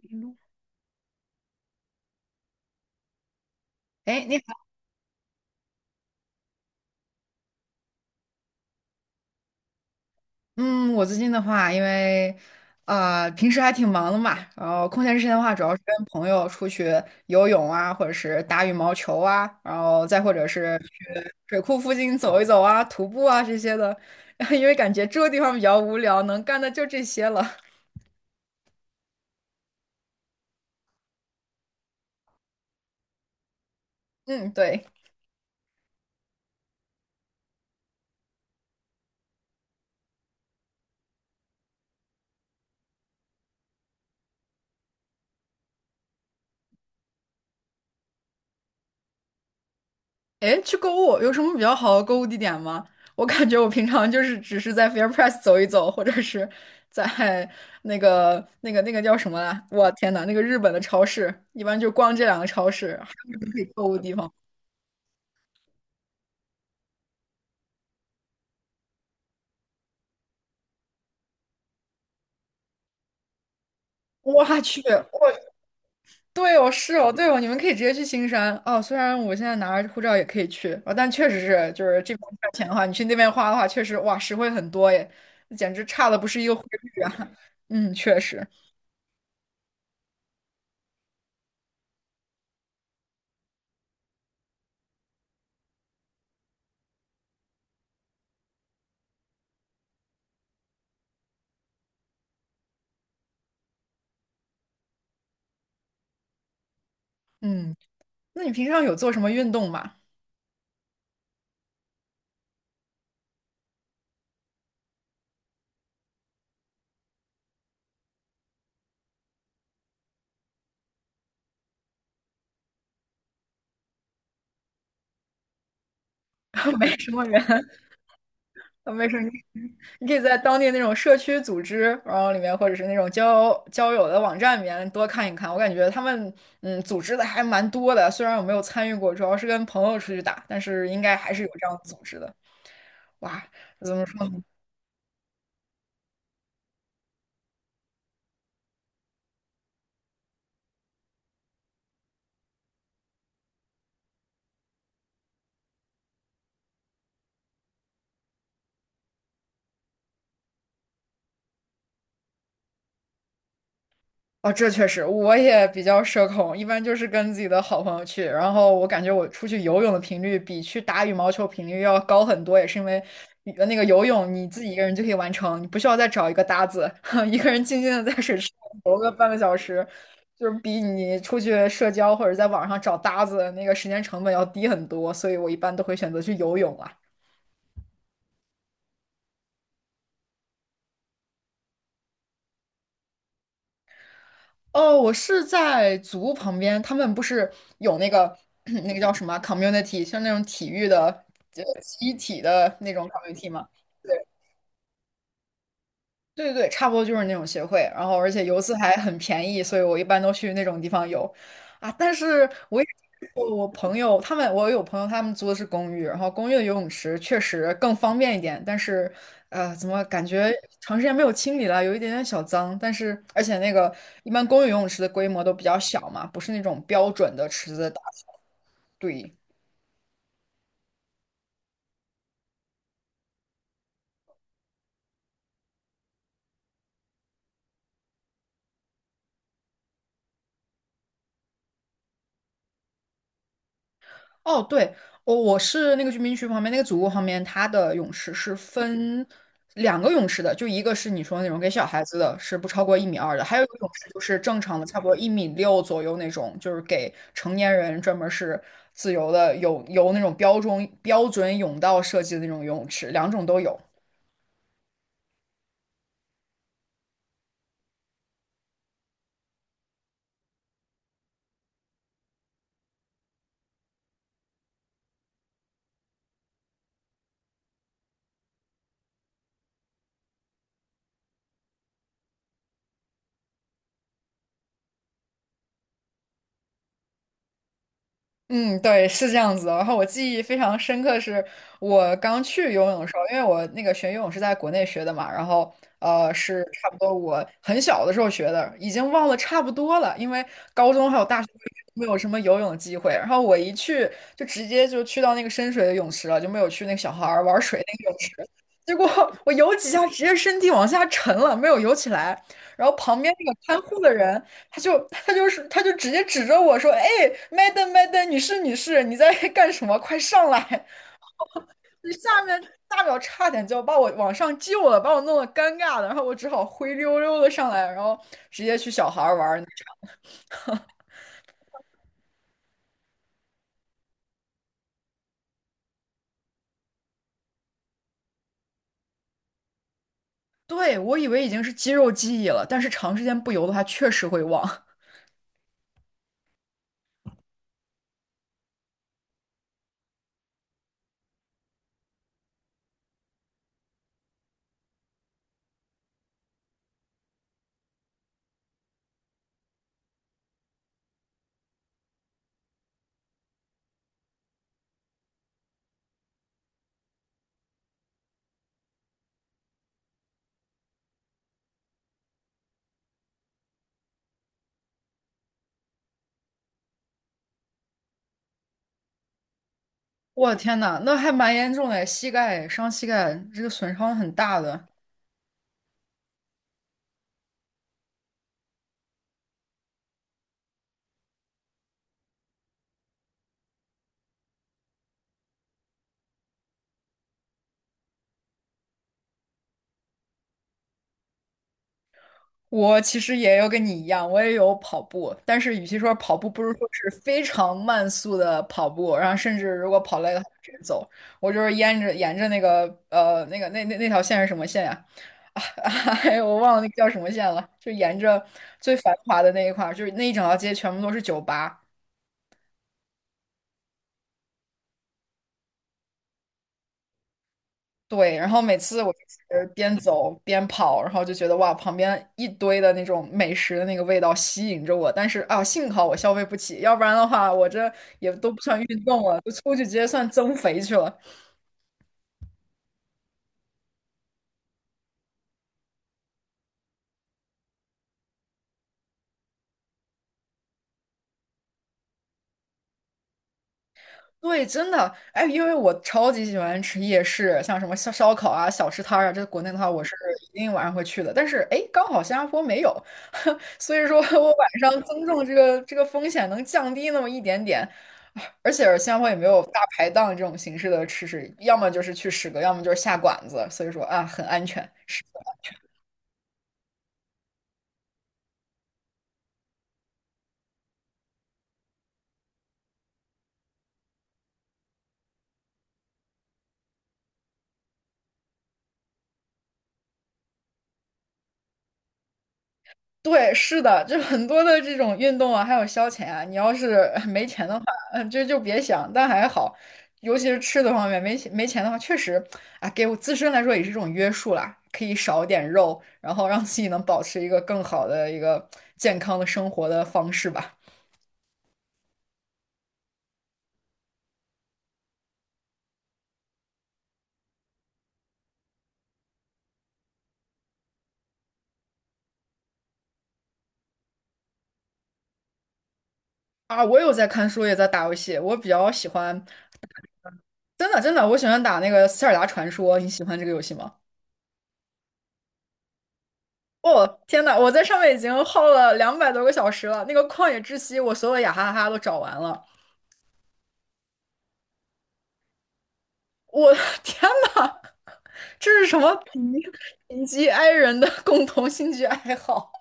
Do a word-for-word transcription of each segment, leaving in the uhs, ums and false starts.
一路哎，诶你好。嗯，我最近的话，因为呃平时还挺忙的嘛。然后空闲时间的话，主要是跟朋友出去游泳啊，或者是打羽毛球啊，然后再或者是去水库附近走一走啊，徒步啊这些的。因为感觉住的地方比较无聊，能干的就这些了。嗯，对。诶，去购物有什么比较好的购物地点吗？我感觉我平常就是只是在 FairPrice 走一走，或者是在那个那个那个叫什么来？我天呐，那个日本的超市，一般就逛这两个超市，还有什么可以购物地方？我去，我对哦，是哦，对哦，你们可以直接去新山哦。虽然我现在拿着护照也可以去啊，但确实是，就是这边花钱的话，你去那边花的话，确实哇，实惠很多耶，简直差的不是一个汇率啊。嗯，确实。嗯。那你平常有做什么运动吗？没什么人。没事，你你可以在当地那种社区组织，然后里面或者是那种交交友的网站里面多看一看。我感觉他们嗯组织的还蛮多的，虽然我没有参与过，主要是跟朋友出去打，但是应该还是有这样组织的。哇，怎么说？哦，这确实，我也比较社恐，一般就是跟自己的好朋友去。然后我感觉我出去游泳的频率比去打羽毛球频率要高很多，也是因为呃那个游泳你自己一个人就可以完成，你不需要再找一个搭子，一个人静静的在水池上游个半个小时，就是比你出去社交或者在网上找搭子那个时间成本要低很多，所以我一般都会选择去游泳啊。哦，我是在足旁边，他们不是有那个 那个叫什么啊 community，像那种体育的。一体的那种 community 吗？对对对，差不多就是那种协会。然后而且游资还很便宜，所以我一般都去那种地方游啊。但是我也我我朋友他们，我有朋友他们租的是公寓，然后公寓的游泳池确实更方便一点，但是呃，怎么感觉长时间没有清理了，有一点点小脏。但是而且那个一般公寓游泳池的规模都比较小嘛，不是那种标准的池子的大。对，哦，对，我我是那个居民区旁边那个祖屋旁边，它的泳池是分两个泳池的，就一个是你说那种给小孩子的，是不超过一米二的，还有一个泳池就是正常的，差不多一米六左右那种，就是给成年人专门是自由的，有有那种标准标准泳道设计的那种游泳池，两种都有。嗯，对，是这样子的。然后我记忆非常深刻，是我刚去游泳的时候，因为我那个学游泳是在国内学的嘛，然后呃是差不多我很小的时候学的，已经忘了差不多了，因为高中还有大学没有什么游泳的机会。然后我一去就直接就去到那个深水的泳池了，就没有去那个小孩儿玩水那个泳池。结果我游几下，直接身体往下沉了，没有游起来。然后旁边那个看护的人。他就他就是他就直接指着我说：“哎麦 a 麦 a m m a d 女士女士，你在 干什么？快上来！”你下面大秒差点就要把我往上救了，把我弄得尴尬的，然后我只好灰溜溜的上来，然后直接去小孩玩。对，我以为已经是肌肉记忆了，但是长时间不游的话，确实会忘。我的天呐，那还蛮严重的，膝盖伤膝盖，这个损伤很大的。我其实也有跟你一样，我也有跑步，但是与其说跑步，不如说是非常慢速的跑步，然后甚至如果跑累了直接走。我就是沿着沿着那个呃那个那那那条线是什么线呀、啊？哎，我忘了那个叫什么线了，就沿着最繁华的那一块儿，就是那一整条街全部都是酒吧。对，然后每次我就是边走边跑，然后就觉得哇，旁边一堆的那种美食的那个味道吸引着我，但是啊，幸好我消费不起，要不然的话，我这也都不算运动了，就出去直接算增肥去了。对，真的。哎，因为我超级喜欢吃夜市，像什么烧烧烤啊、小吃摊儿啊，这国内的话我是一定晚上会去的。但是，哎，刚好新加坡没有。所以说我晚上增重这个这个风险能降低那么一点点。而且新加坡也没有大排档这种形式的吃食，要么就是去食阁，要么就是下馆子，所以说啊，很安全。对，是的，就很多的这种运动啊，还有消遣啊，你要是 没钱的话，嗯，就就别想。但还好，尤其是吃的方面，没钱没钱的话，确实啊，给我自身来说也是一种约束啦，可以少点肉，然后让自己能保持一个更好的一个健康的生活的方式吧。啊，我有在看书，也在打游戏，我比较喜欢。真的真的，我喜欢打那个《塞尔达传说》，你喜欢这个游戏吗？哦，天呐，我在上面已经耗了两百多个小时了，那个旷野之息，我所有的雅哈哈都找完了。我的 天呐，这是什么贫贫瘠 i 人的共同兴趣爱好？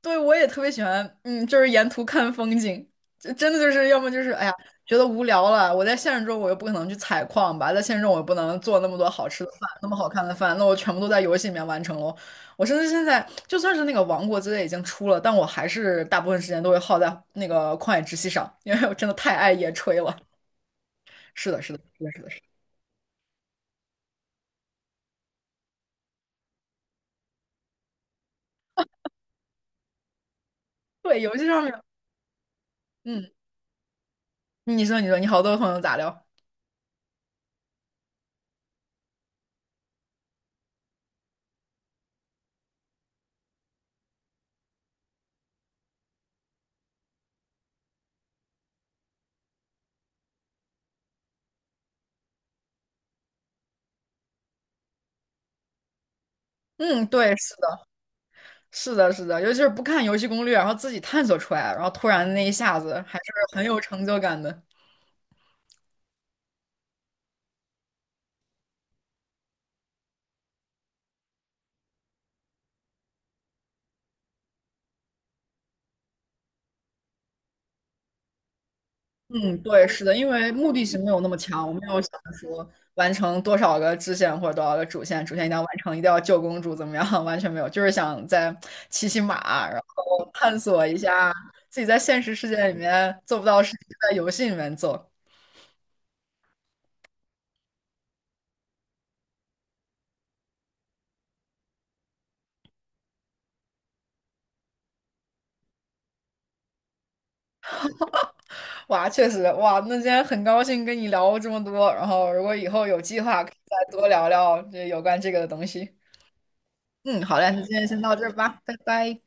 对，我也特别喜欢。嗯，就是沿途看风景，这真的就是要么就是，哎呀，觉得无聊了，我在现实中我又不可能去采矿吧，在现实中我又不能做那么多好吃的饭，那么好看的饭，那我全部都在游戏里面完成喽。我甚至现在就算是那个《王国之泪》已经出了，但我还是大部分时间都会耗在那个旷野之息上，因为我真的太爱野炊了。是的，是的，是的，是的，是的。对，游戏上面。嗯，你说，你说，你好多朋友咋聊？嗯，对，是。是的，是的，尤其是不看游戏攻略，然后自己探索出来，然后突然那一下子还是很有成就感的。嗯，对，是的，因为目的性没有那么强，我没有想着说完成多少个支线或者多少个主线，主线一定要完成，一定要救公主怎么样，完全没有，就是想再骑骑马，然后探索一下自己在现实世界里面做不到的事情，在游戏里面做。哇，确实，哇，那今天很高兴跟你聊这么多，然后如果以后有计划，可以再多聊聊这有关这个的东西。嗯，好嘞，那今天先到这儿吧，拜拜。